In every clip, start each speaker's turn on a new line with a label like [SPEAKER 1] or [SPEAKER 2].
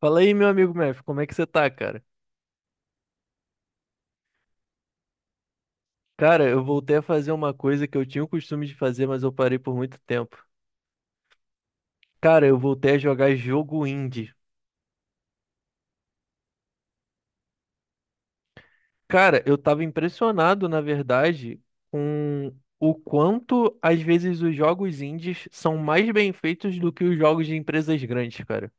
[SPEAKER 1] Fala aí, meu amigo Mef, como é que você tá, cara? Cara, eu voltei a fazer uma coisa que eu tinha o costume de fazer, mas eu parei por muito tempo. Cara, eu voltei a jogar jogo indie. Cara, eu tava impressionado, na verdade, com o quanto, às vezes, os jogos indies são mais bem feitos do que os jogos de empresas grandes, cara.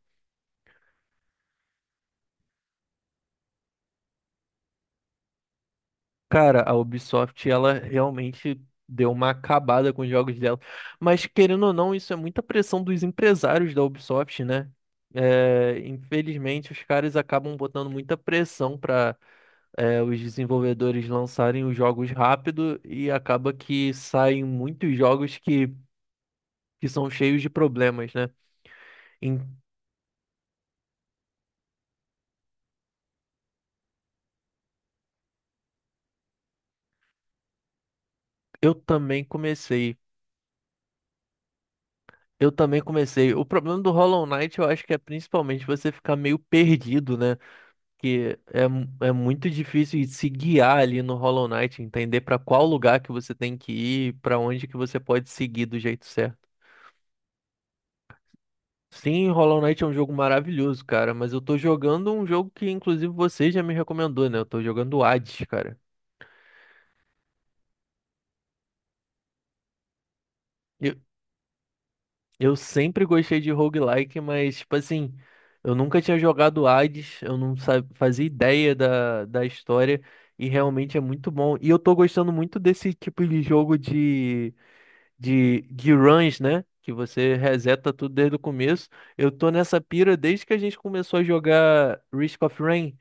[SPEAKER 1] Cara, a Ubisoft, ela realmente deu uma acabada com os jogos dela. Mas, querendo ou não, isso é muita pressão dos empresários da Ubisoft, né? É, infelizmente, os caras acabam botando muita pressão para os desenvolvedores lançarem os jogos rápido e acaba que saem muitos jogos que são cheios de problemas, né? Em- eu também comecei. Eu também comecei. O problema do Hollow Knight, eu acho que é principalmente você ficar meio perdido, né? Que é, é muito difícil de se guiar ali no Hollow Knight, entender para qual lugar que você tem que ir, para onde que você pode seguir do jeito certo. Sim, Hollow Knight é um jogo maravilhoso, cara, mas eu tô jogando um jogo que inclusive você já me recomendou, né? Eu tô jogando Hades, cara. Eu, eu sempre gostei de roguelike, mas tipo assim, eu nunca tinha jogado Hades, eu não sa- fazia ideia da história e realmente é muito bom. E eu tô gostando muito desse tipo de jogo de de runs, né? Que você reseta tudo desde o começo. Eu tô nessa pira desde que a gente começou a jogar Risk of Rain,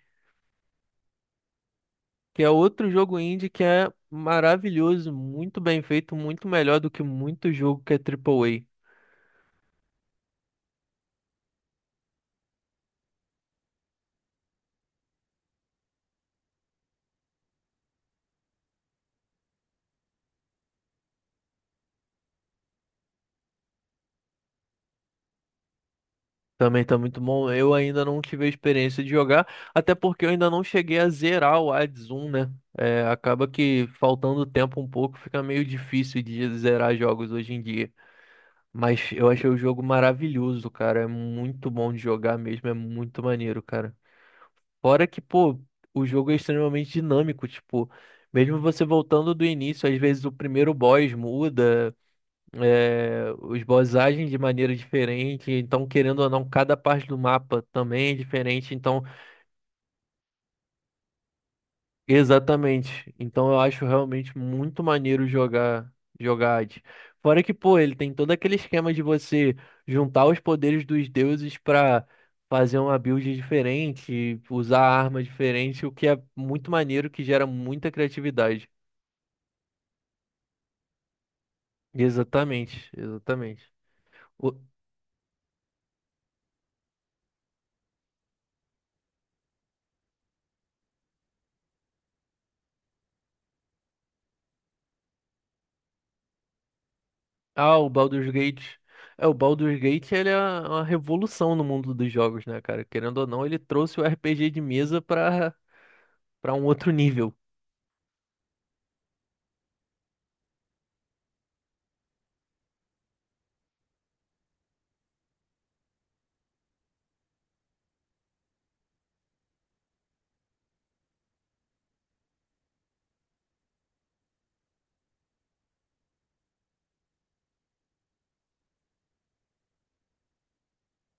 [SPEAKER 1] que é outro jogo indie que é maravilhoso, muito bem feito, muito melhor do que muito jogo que é triplo A. Também tá muito bom. Eu ainda não tive a experiência de jogar, até porque eu ainda não cheguei a zerar o Hades 1, né? É, acaba que faltando tempo um pouco, fica meio difícil de zerar jogos hoje em dia. Mas eu achei o jogo maravilhoso, cara. É muito bom de jogar mesmo, é muito maneiro, cara. Fora que, pô, o jogo é extremamente dinâmico, tipo, mesmo você voltando do início, às vezes o primeiro boss muda, é, os boss agem de maneira diferente, então, querendo ou não, cada parte do mapa também é diferente, então. Exatamente. Então eu acho realmente muito maneiro jogar Hades. Fora que, pô, ele tem todo aquele esquema de você juntar os poderes dos deuses pra fazer uma build diferente, usar arma diferente, o que é muito maneiro, que gera muita criatividade. Exatamente. O- Ah, o Baldur's Gate. É, o Baldur's Gate, ele é uma revolução no mundo dos jogos, né, cara? Querendo ou não, ele trouxe o RPG de mesa pra para um outro nível.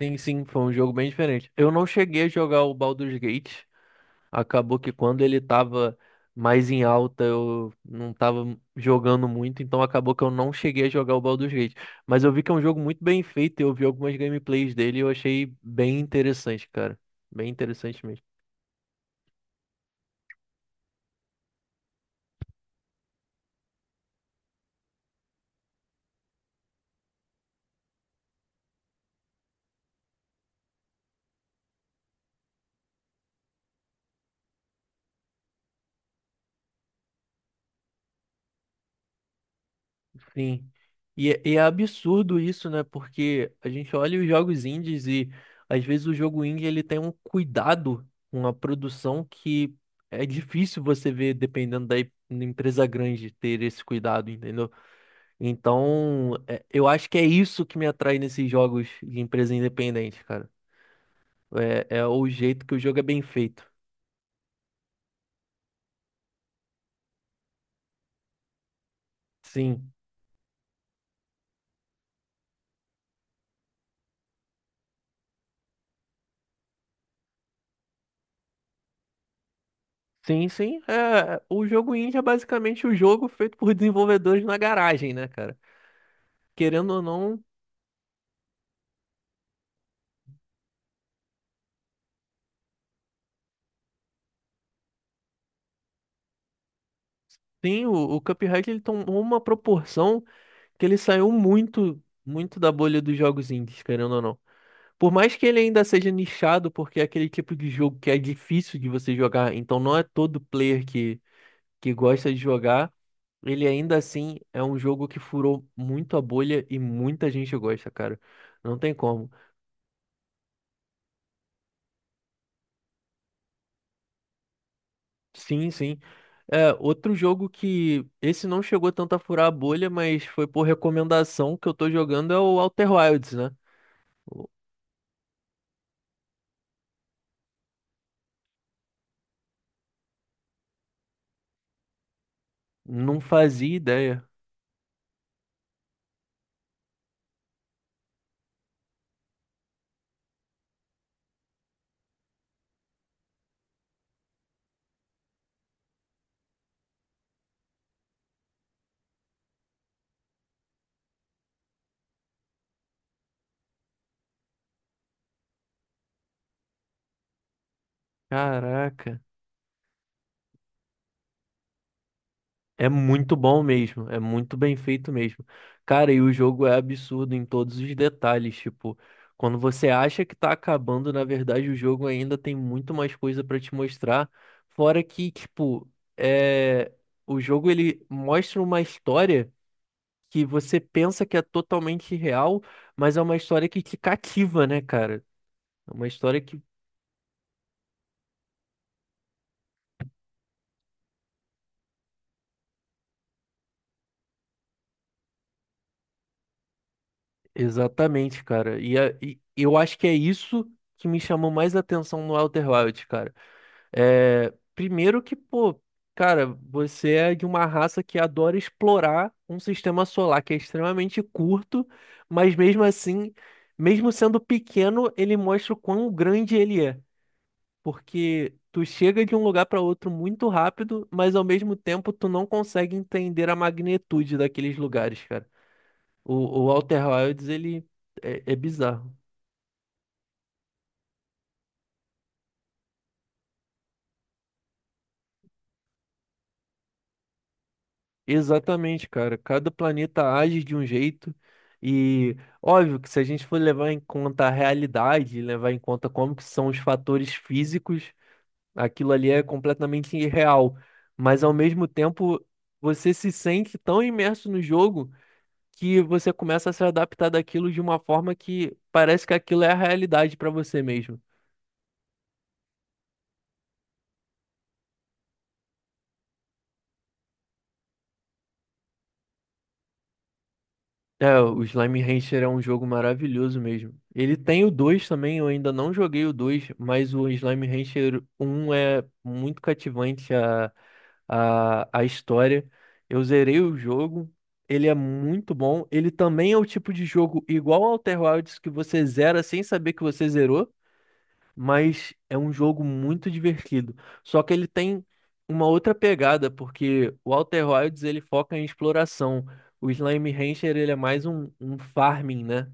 [SPEAKER 1] Sim, sim, foi um jogo bem diferente. Eu não cheguei a jogar o Baldur's Gate. Acabou que quando ele tava mais em alta, eu não tava jogando muito, então acabou que eu não cheguei a jogar o Baldur's Gate. Mas eu vi que é um jogo muito bem feito, eu vi algumas gameplays dele e eu achei bem interessante, cara. Bem interessante. Sim. E, é absurdo isso, né? Porque a gente olha os jogos indies e às vezes o jogo indie ele tem um cuidado com a produção que é difícil você ver dependendo da empresa grande ter esse cuidado, entendeu? Então, eu acho que é isso que me atrai nesses jogos de empresa independente, cara. É, é o jeito que o jogo é bem feito. Sim. Sim, sim. É, o jogo indie é basicamente o jogo feito por desenvolvedores na garagem, né, cara? Querendo ou não. Sim, o Cuphead ele tomou uma proporção que ele saiu muito da bolha dos jogos indies, querendo ou não. Por mais que ele ainda seja nichado, porque é aquele tipo de jogo que é difícil de você jogar, então não é todo player que gosta de jogar, ele ainda assim é um jogo que furou muito a bolha e muita gente gosta, cara. Não tem como. Sim, sim. É, outro jogo que esse não chegou tanto a furar a bolha, mas foi por recomendação que eu tô jogando é o Outer Wilds, né? Não fazia ideia. Caraca. É muito bom mesmo. É muito bem feito mesmo. Cara, e o jogo é absurdo em todos os detalhes. Tipo, quando você acha que tá acabando, na verdade, o jogo ainda tem muito mais coisa pra te mostrar. Fora que, tipo, é... o jogo ele mostra uma história que você pensa que é totalmente real, mas é uma história que te cativa, né, cara? É uma história que... Exatamente, cara. E, e eu acho que é isso que me chamou mais atenção no Outer Wilds, cara. É, primeiro que, pô, cara, você é de uma raça que adora explorar um sistema solar que é extremamente curto, mas mesmo assim, mesmo sendo pequeno, ele mostra o quão grande ele é. Porque tu chega de um lugar para outro muito rápido, mas ao mesmo tempo tu não consegue entender a magnitude daqueles lugares, cara. O Walter Wilds, ele é, é bizarro. Exatamente, cara. Cada planeta age de um jeito. E óbvio que se a gente for levar em conta a realidade, levar em conta como que são os fatores físicos, aquilo ali é completamente irreal. Mas ao mesmo tempo, você se sente tão imerso no jogo que você começa a se adaptar daquilo de uma forma que parece que aquilo é a realidade para você mesmo. É, o Slime Rancher é um jogo maravilhoso mesmo. Ele tem o 2 também, eu ainda não joguei o 2, mas o Slime Rancher um é muito cativante a história. Eu zerei o jogo, ele é muito bom. Ele também é o tipo de jogo igual ao Outer Wilds que você zera sem saber que você zerou, mas é um jogo muito divertido. Só que ele tem uma outra pegada, porque o Outer Wilds ele foca em exploração. O Slime Rancher ele é mais um farming, né?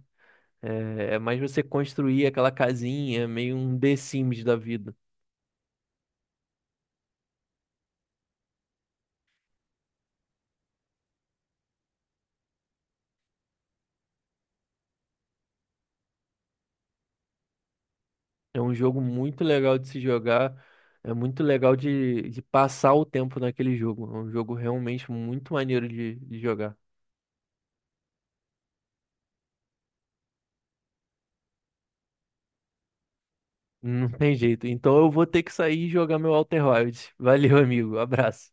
[SPEAKER 1] É, é mais você construir aquela casinha, meio um The Sims da vida. É um jogo muito legal de se jogar, é muito legal de passar o tempo naquele jogo. É um jogo realmente muito maneiro de jogar. Não tem jeito. Então eu vou ter que sair e jogar meu Outer Wilds. Valeu, amigo. Abraço.